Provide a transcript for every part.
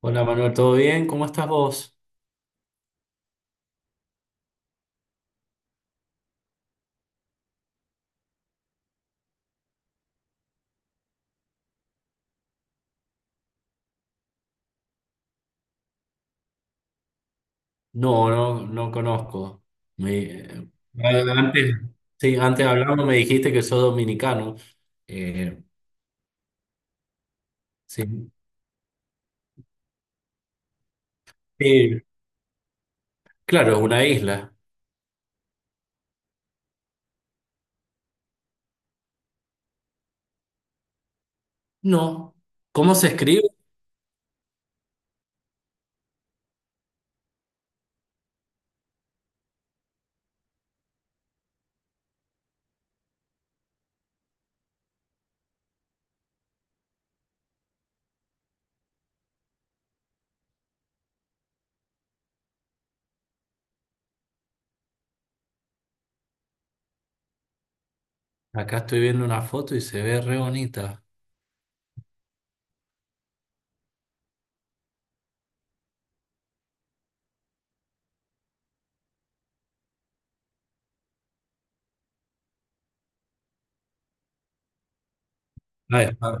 Hola Manuel, ¿todo bien? ¿Cómo estás vos? No, no, no conozco. Me- eh, antes, sí, antes hablando me dijiste que sos dominicano. Eh, sí. Sí, claro, es una isla. No. ¿Cómo se escribe? Acá estoy viendo una foto y se ve re bonita. Ah, es pa-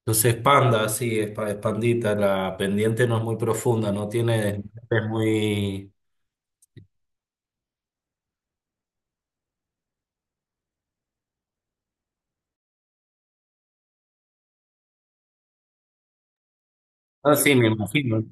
Entonces es panda, sí, es pandita. La pendiente no es muy profunda, no tiene, es muy... Ah, sí, me imagino.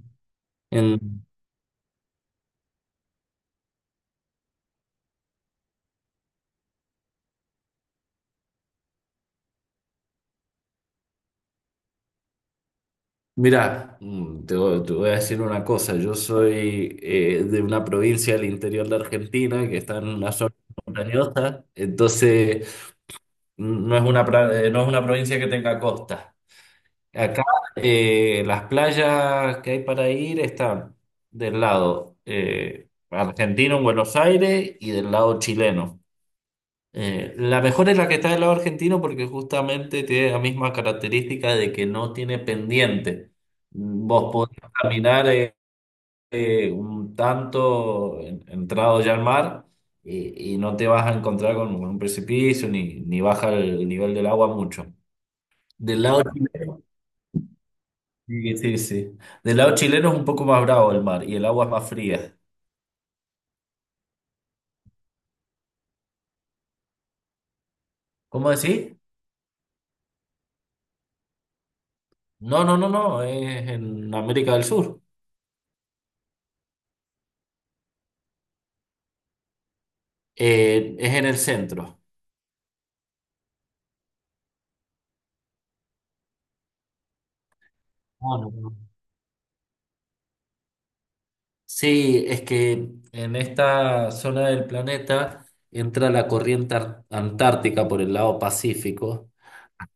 Mira, te voy a decir una cosa. Yo soy de una provincia del interior de Argentina que está en una zona montañosa, entonces no es una provincia que tenga costa. Acá las playas que hay para ir están del lado argentino en Buenos Aires y del lado chileno. La mejor es la que está del lado argentino porque justamente tiene la misma característica de que no tiene pendiente. Vos podés caminar un tanto entrado ya al mar y, no te vas a encontrar con un precipicio ni, ni baja el nivel del agua mucho. Del lado Claro. chileno, sí, sí, sí. Del lado chileno es un poco más bravo el mar y el agua es más fría. ¿Cómo decís? No, no, no, no, es en América del Sur. Es en el centro. Ah, no, no. Sí, es que en esta zona del planeta entra la corriente antártica por el lado Pacífico,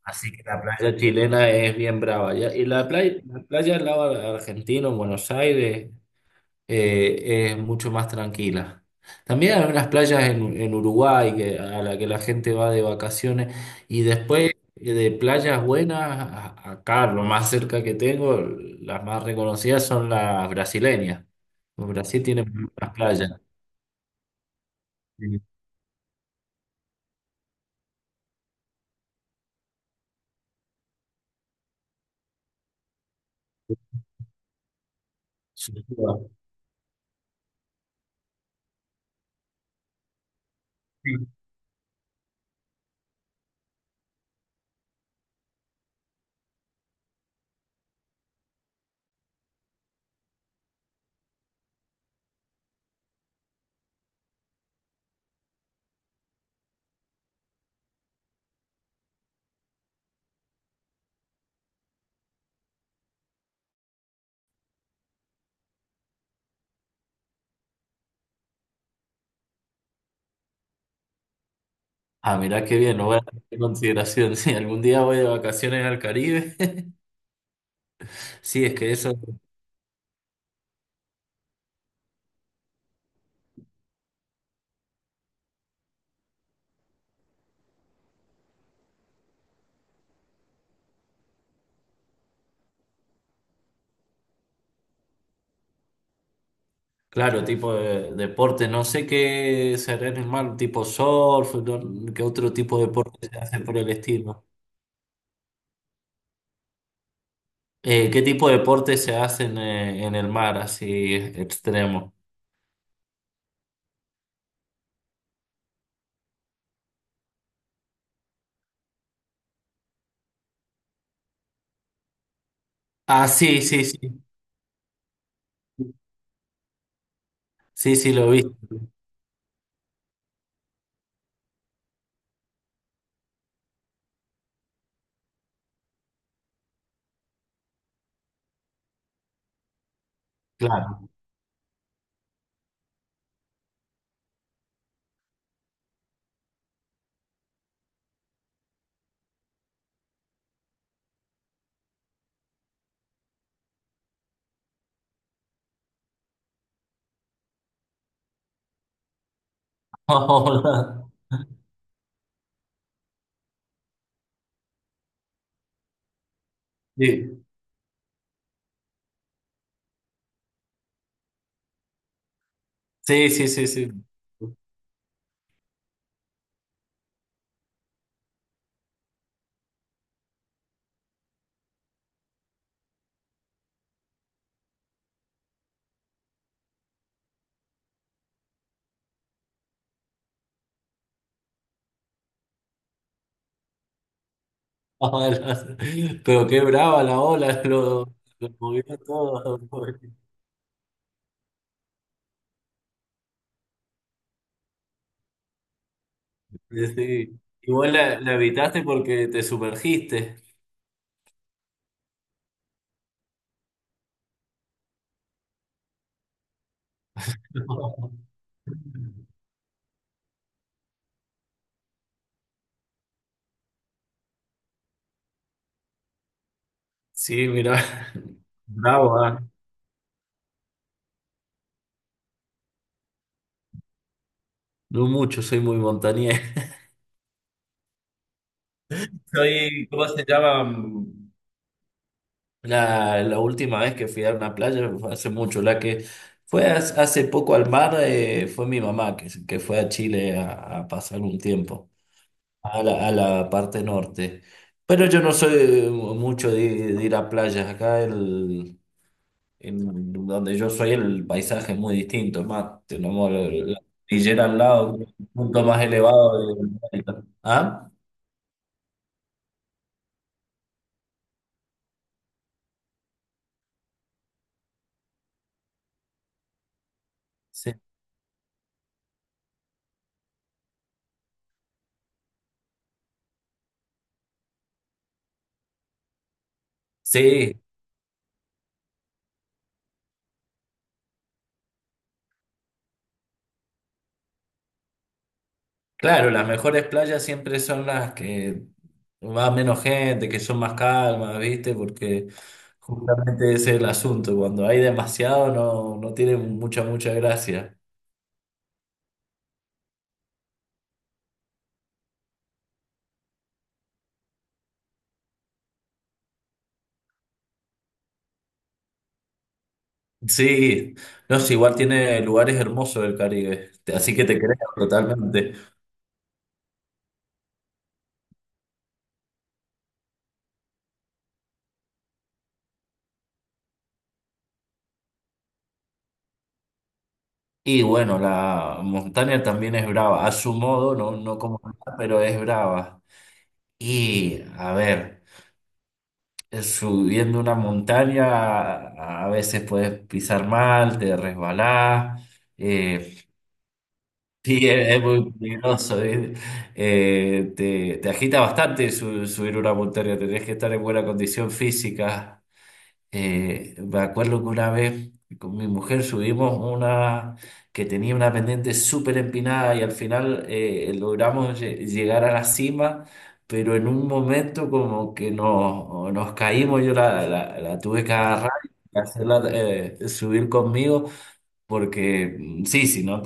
así que la playa chilena es bien brava. Y la playa del lado argentino, en Buenos Aires, es mucho más tranquila. También hay unas playas en Uruguay a la que la gente va de vacaciones y después de playas buenas, acá lo más cerca que tengo, las más reconocidas son las brasileñas. Brasil tiene muchas playas. Sí. Sucura. Sí. Ah, mirá qué bien, lo voy a tener en consideración. Si algún día voy de vacaciones al Caribe, sí, es que eso. Claro, tipo de deporte, no sé qué será en el mar, tipo surf, qué otro tipo de deporte se hace por el estilo. ¿Qué tipo de deporte se hacen en el mar, así extremo? Ah, sí, sí, sí. Sí, sí, lo vi. Claro. Sí, sí, sí, sí, sí. Ola. Pero qué brava la ola, lo movió todo. Sí. Igual la, la evitaste porque te sumergiste. Sí, mira, bravo, ah. No mucho, soy muy montañés. Soy, ¿cómo se llama? La, la última vez que fui a una playa fue hace mucho, la que fue hace poco al mar, fue mi mamá, que, que fue a Chile a pasar un tiempo, a la parte norte. Pero yo no soy mucho de ir a playas, acá el, en donde yo soy el paisaje es muy distinto, es más, tenemos la cordillera al lado, un punto más elevado. de- ¿Ah? Sí. Sí, claro, las mejores playas siempre son las que va menos gente, que son más calmas, ¿viste? Porque justamente ese es el asunto, cuando hay demasiado no, no tiene mucha, mucha gracia. Sí, no, sí, igual tiene lugares hermosos el Caribe, así que te creo totalmente. Y bueno, la montaña también es brava, a su modo, no, no como nada, pero es brava. Y a ver, subiendo una montaña a veces puedes pisar mal, te resbalás. eh, sí, es muy peligroso, ¿eh? Te, te agita bastante subir una montaña, tenés que estar en buena condición física. Me acuerdo que una vez con mi mujer subimos una que tenía una pendiente súper empinada y al final logramos llegar a la cima, pero en un momento como que nos, nos caímos, yo la, la tuve que agarrar y hacerla subir conmigo porque sí, si no...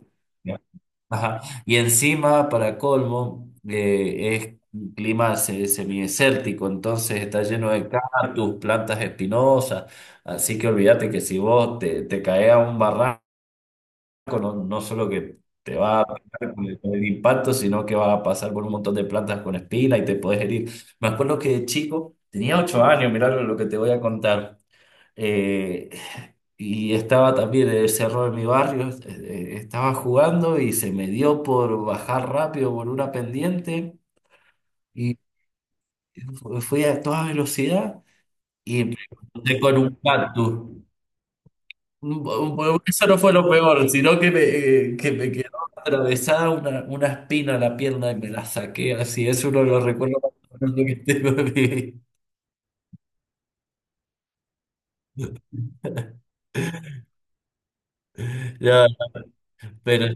Ajá. Y encima, para colmo, es un clima semidesértico, entonces está lleno de cactus, plantas espinosas, así que olvídate que si vos te, te caes a un barranco, no, no solo que te va a pegar con el impacto, sino que vas a pasar por un montón de plantas con espina y te podés herir. Me acuerdo que de chico, tenía 8 años, mirá lo que te voy a contar. Eh, y estaba también en el cerro de mi barrio, estaba jugando y se me dio por bajar rápido por una pendiente y fui a toda velocidad y me encontré con un cactus. Eso no fue lo peor, sino que me quedó atravesada una espina en la pierna y me la saqué así. Es uno de los recuerdos más bonitos que tengo de mi vida. Ya, pero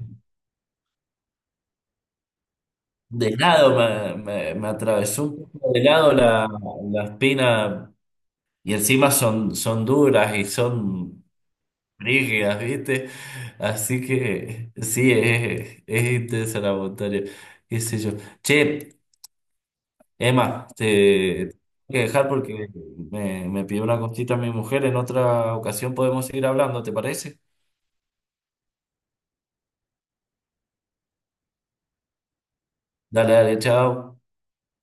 de lado me, me atravesó un poco de lado la, la espina y encima son, son duras y son rígidas, ¿viste? Así que sí, es intensa la montaña, qué sé yo. Che, Emma, te tengo que dejar porque me pidió una cosita mi mujer, en otra ocasión podemos seguir hablando, ¿te parece? Dale, dale, chao.